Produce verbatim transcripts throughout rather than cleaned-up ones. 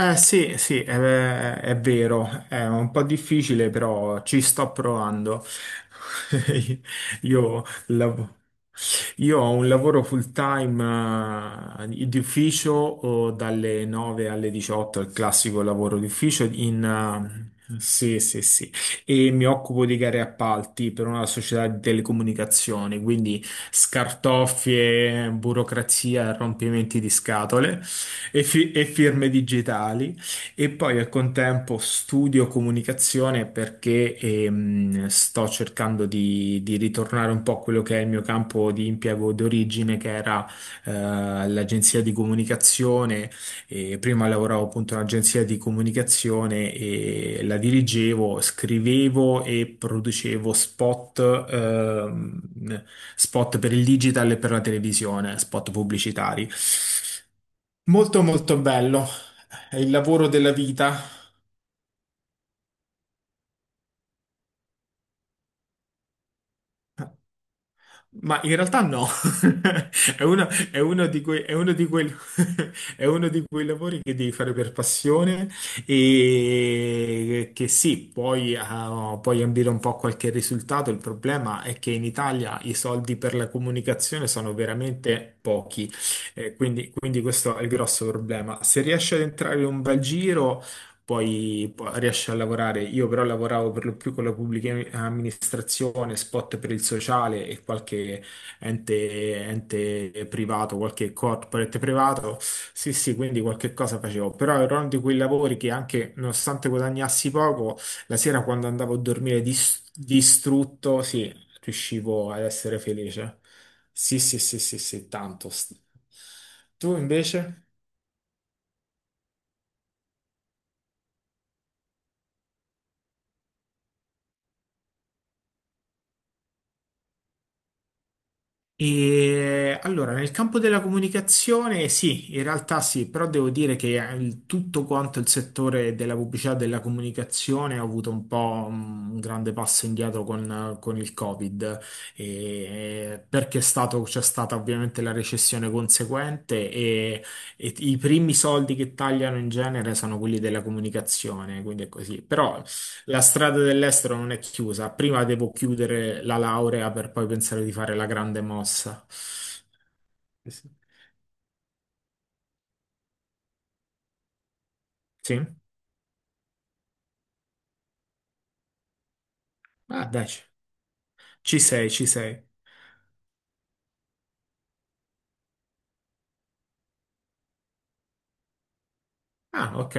Eh sì, sì, è, è vero, è un po' difficile, però ci sto provando. Io, lav- io ho un lavoro full time eh, di ufficio o dalle nove alle diciotto, il classico lavoro di ufficio in... eh, sì, sì, sì e mi occupo di gare e appalti per una società di telecomunicazioni, quindi scartoffie, burocrazia, rompimenti di scatole e, fi- e firme digitali. E poi al contempo studio comunicazione perché ehm, sto cercando di, di ritornare un po' a quello che è il mio campo di impiego d'origine, che era eh, l'agenzia di comunicazione e prima lavoravo appunto in un'agenzia di comunicazione e la dirigevo, scrivevo e producevo spot, ehm, spot per il digital e per la televisione, spot pubblicitari. Molto molto bello, è il lavoro della vita. Ma in realtà no, è uno, è uno di quei, è uno di quei- è uno di quei lavori che devi fare per passione e che sì, puoi, eh, puoi ambire un po' a qualche risultato. Il problema è che in Italia i soldi per la comunicazione sono veramente pochi. Eh, quindi, quindi questo è il grosso problema. Se riesci ad entrare in un bel giro poi po- riesce a lavorare. Io però lavoravo per lo più con la pubblica amministrazione, spot per il sociale e qualche ente, ente privato, qualche corporate privato. Sì, sì, quindi qualche cosa facevo. Però era uno di quei lavori che anche nonostante guadagnassi poco, la sera quando andavo a dormire dis- distrutto, sì, riuscivo ad essere felice. Sì, sì, sì, sì, sì, tanto. Tu invece? E allora, nel campo della comunicazione, sì, in realtà sì, però devo dire che eh, il- tutto quanto il settore della pubblicità e della comunicazione ha avuto un po' mm, un grande passo indietro con, con il Covid, e- eh, perché è stato- c'è stata ovviamente la recessione conseguente e, e i primi soldi che tagliano in genere sono quelli della comunicazione, quindi è così. Però la strada dell'estero non è chiusa. Prima devo chiudere la laurea per poi pensare di fare la grande mossa. Eh sì. Sì? Ah, dai, ci ci sei, ci sei. Ah, ok.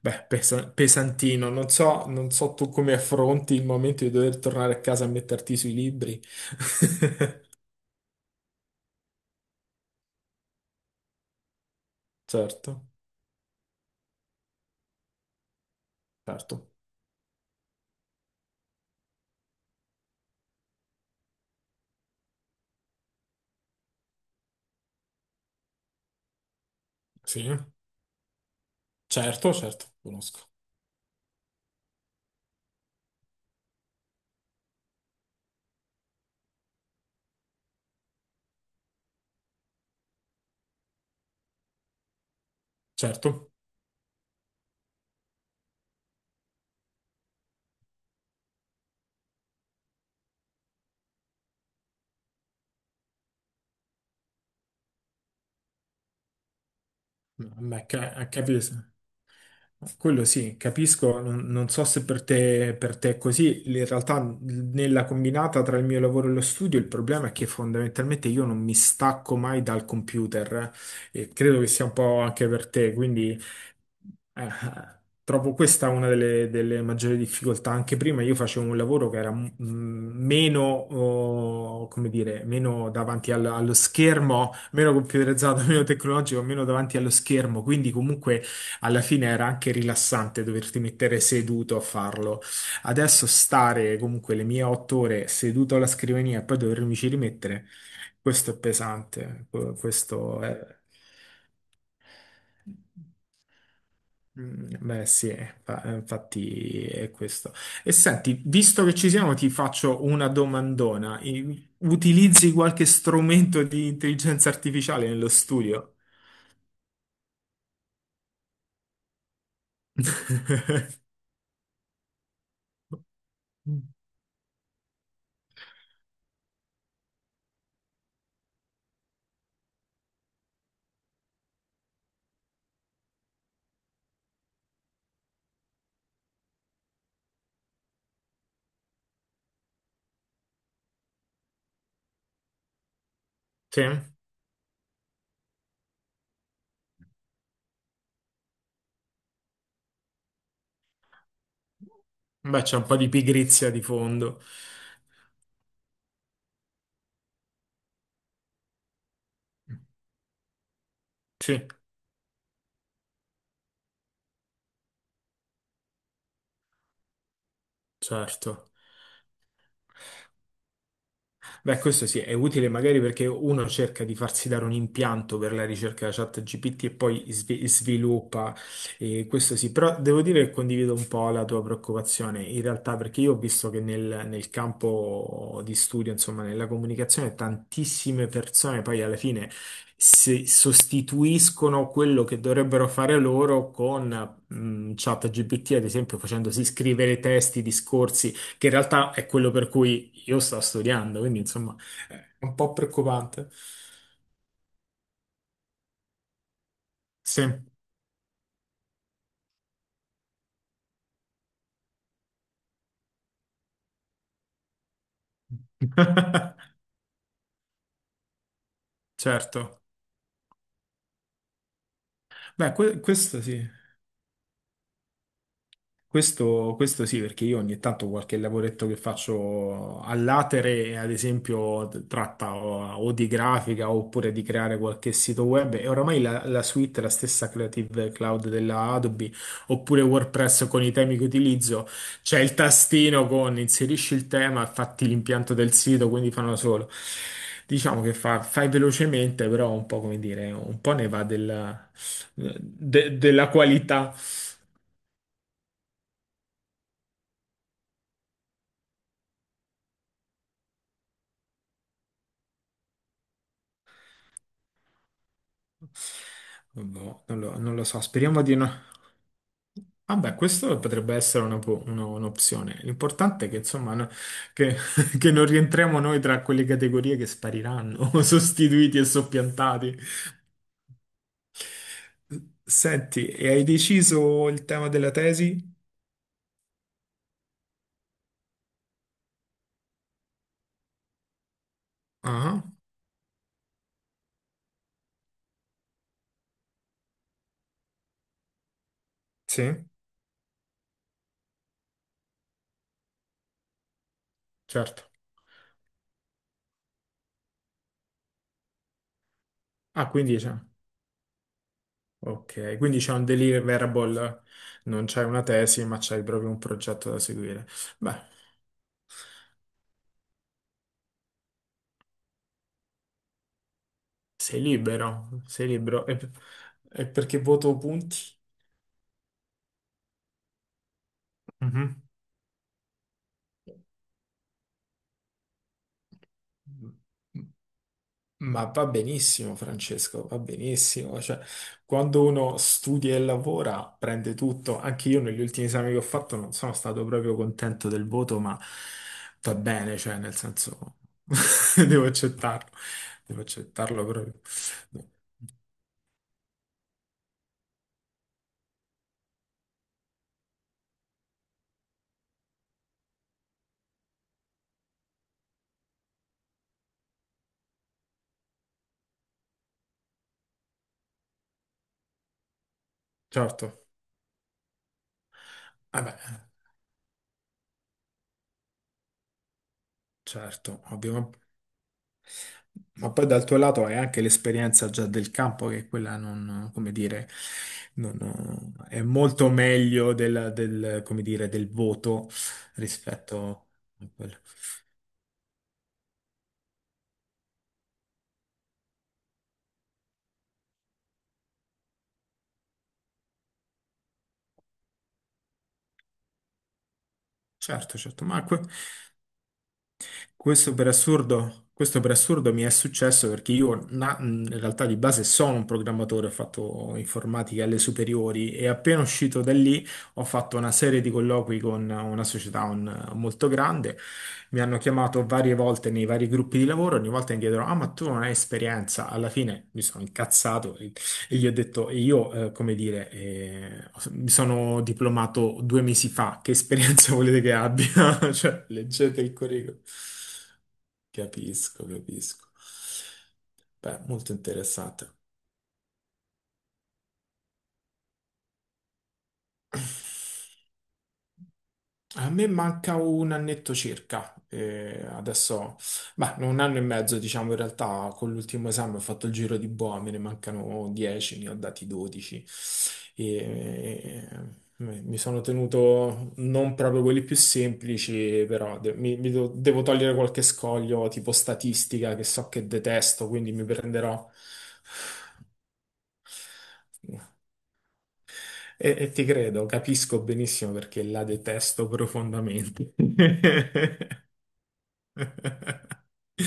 Beh, pesa- pesantino. Non so, non so tu come affronti il momento di dover tornare a casa a metterti sui libri. Certo, certo. Sì, certo, certo, conosco. Certo. A me ca- capita. Quello sì, capisco, non, non so se per te, per te è così, in realtà nella combinata tra il mio lavoro e lo studio il problema è che fondamentalmente io non mi stacco mai dal computer eh, e credo che sia un po' anche per te, quindi eh, trovo questa una delle, delle maggiori difficoltà. Anche prima io facevo un lavoro che era mm, meno, oh, come dire, meno davanti al- allo schermo, meno computerizzato, meno tecnologico, meno davanti allo schermo, quindi comunque alla fine era anche rilassante doverti mettere seduto a farlo. Adesso stare comunque le mie otto ore seduto alla scrivania e poi dovermici rimettere, questo è pesante. que- Questo è... Mm, Beh sì, eh, fa- eh, infatti è questo. E senti, visto che ci siamo, ti faccio una domandona. I- Utilizzi qualche strumento di intelligenza artificiale nello studio? Sì? Beh, c'è un po' di pigrizia di fondo. Sì, certo. Beh, questo sì, è utile magari perché uno cerca di farsi dare un impianto per la ricerca ChatGPT e poi svi- sviluppa, eh, questo sì, però devo dire che condivido un po' la tua preoccupazione, in realtà perché io ho visto che nel, nel campo di studio, insomma, nella comunicazione, tantissime persone poi alla fine si sostituiscono quello che dovrebbero fare loro con... mh, ChatGPT, ad esempio, facendosi scrivere testi, discorsi, che in realtà è quello per cui io sto studiando, quindi insomma è un po' preoccupante. Sì, certo. Beh, que- questo sì. Questo, questo sì, perché io ogni tanto qualche lavoretto che faccio all'atere, ad esempio, t- tratta o, o di grafica oppure di creare qualche sito web e oramai la, la suite, è la stessa Creative Cloud della Adobe oppure WordPress con i temi che utilizzo, c'è il tastino con inserisci il tema e fatti l'impianto del sito, quindi fanno da solo. Diciamo che fa- fai velocemente, però un po' come dire, un po' ne va della de- della qualità. Boh, non lo, non lo so, speriamo di no. Vabbè, questo potrebbe essere una po- uno- un'opzione. L'importante è che, insomma, no- che, che non rientriamo noi tra quelle categorie che spariranno, sostituiti e soppiantati. Senti, e hai deciso il tema della tesi? Ah, sì, certo. Ah, quindi c'è. Ok, quindi c'è un deliverable, non c'è una tesi, ma c'hai proprio un progetto da seguire. Beh. Sei libero, sei libero. E, e perché voto punti? Mhm. Ma va benissimo, Francesco, va benissimo. Cioè, quando uno studia e lavora, prende tutto. Anche io negli ultimi esami che ho fatto non sono stato proprio contento del voto, ma va bene, cioè, nel senso, devo accettarlo. Devo accettarlo proprio. Certo, vabbè, certo, ovvio. Ma poi dal tuo lato hai anche l'esperienza già del campo, che quella non, come dire, non, eh, è molto meglio del, del, come dire, del voto rispetto a quello. Certo, certo, Marco. Questo per assurdo, questo per assurdo mi è successo perché io na- in realtà di base sono un programmatore, ho fatto informatica alle superiori e appena uscito da lì ho fatto una serie di colloqui con una società un- molto grande, mi hanno chiamato varie volte nei vari gruppi di lavoro, ogni volta mi chiedono, ah ma tu non hai esperienza, alla fine mi sono incazzato e gli ho detto, e io, eh, come dire, eh, mi sono diplomato due mesi fa, che esperienza volete che abbia? Cioè, leggete il curriculum. Capisco, capisco. Beh, molto interessante. A me manca un annetto circa, eh, adesso, beh, no, un anno e mezzo diciamo in realtà, con l'ultimo esame ho fatto il giro di boa, me ne mancano dieci, ne ho dati dodici e, eh, eh, mi sono tenuto non proprio quelli più semplici, però de- mi- mi do- devo togliere qualche scoglio tipo statistica che so che detesto, quindi mi prenderò e, e ti credo, capisco benissimo perché la detesto profondamente. Eh,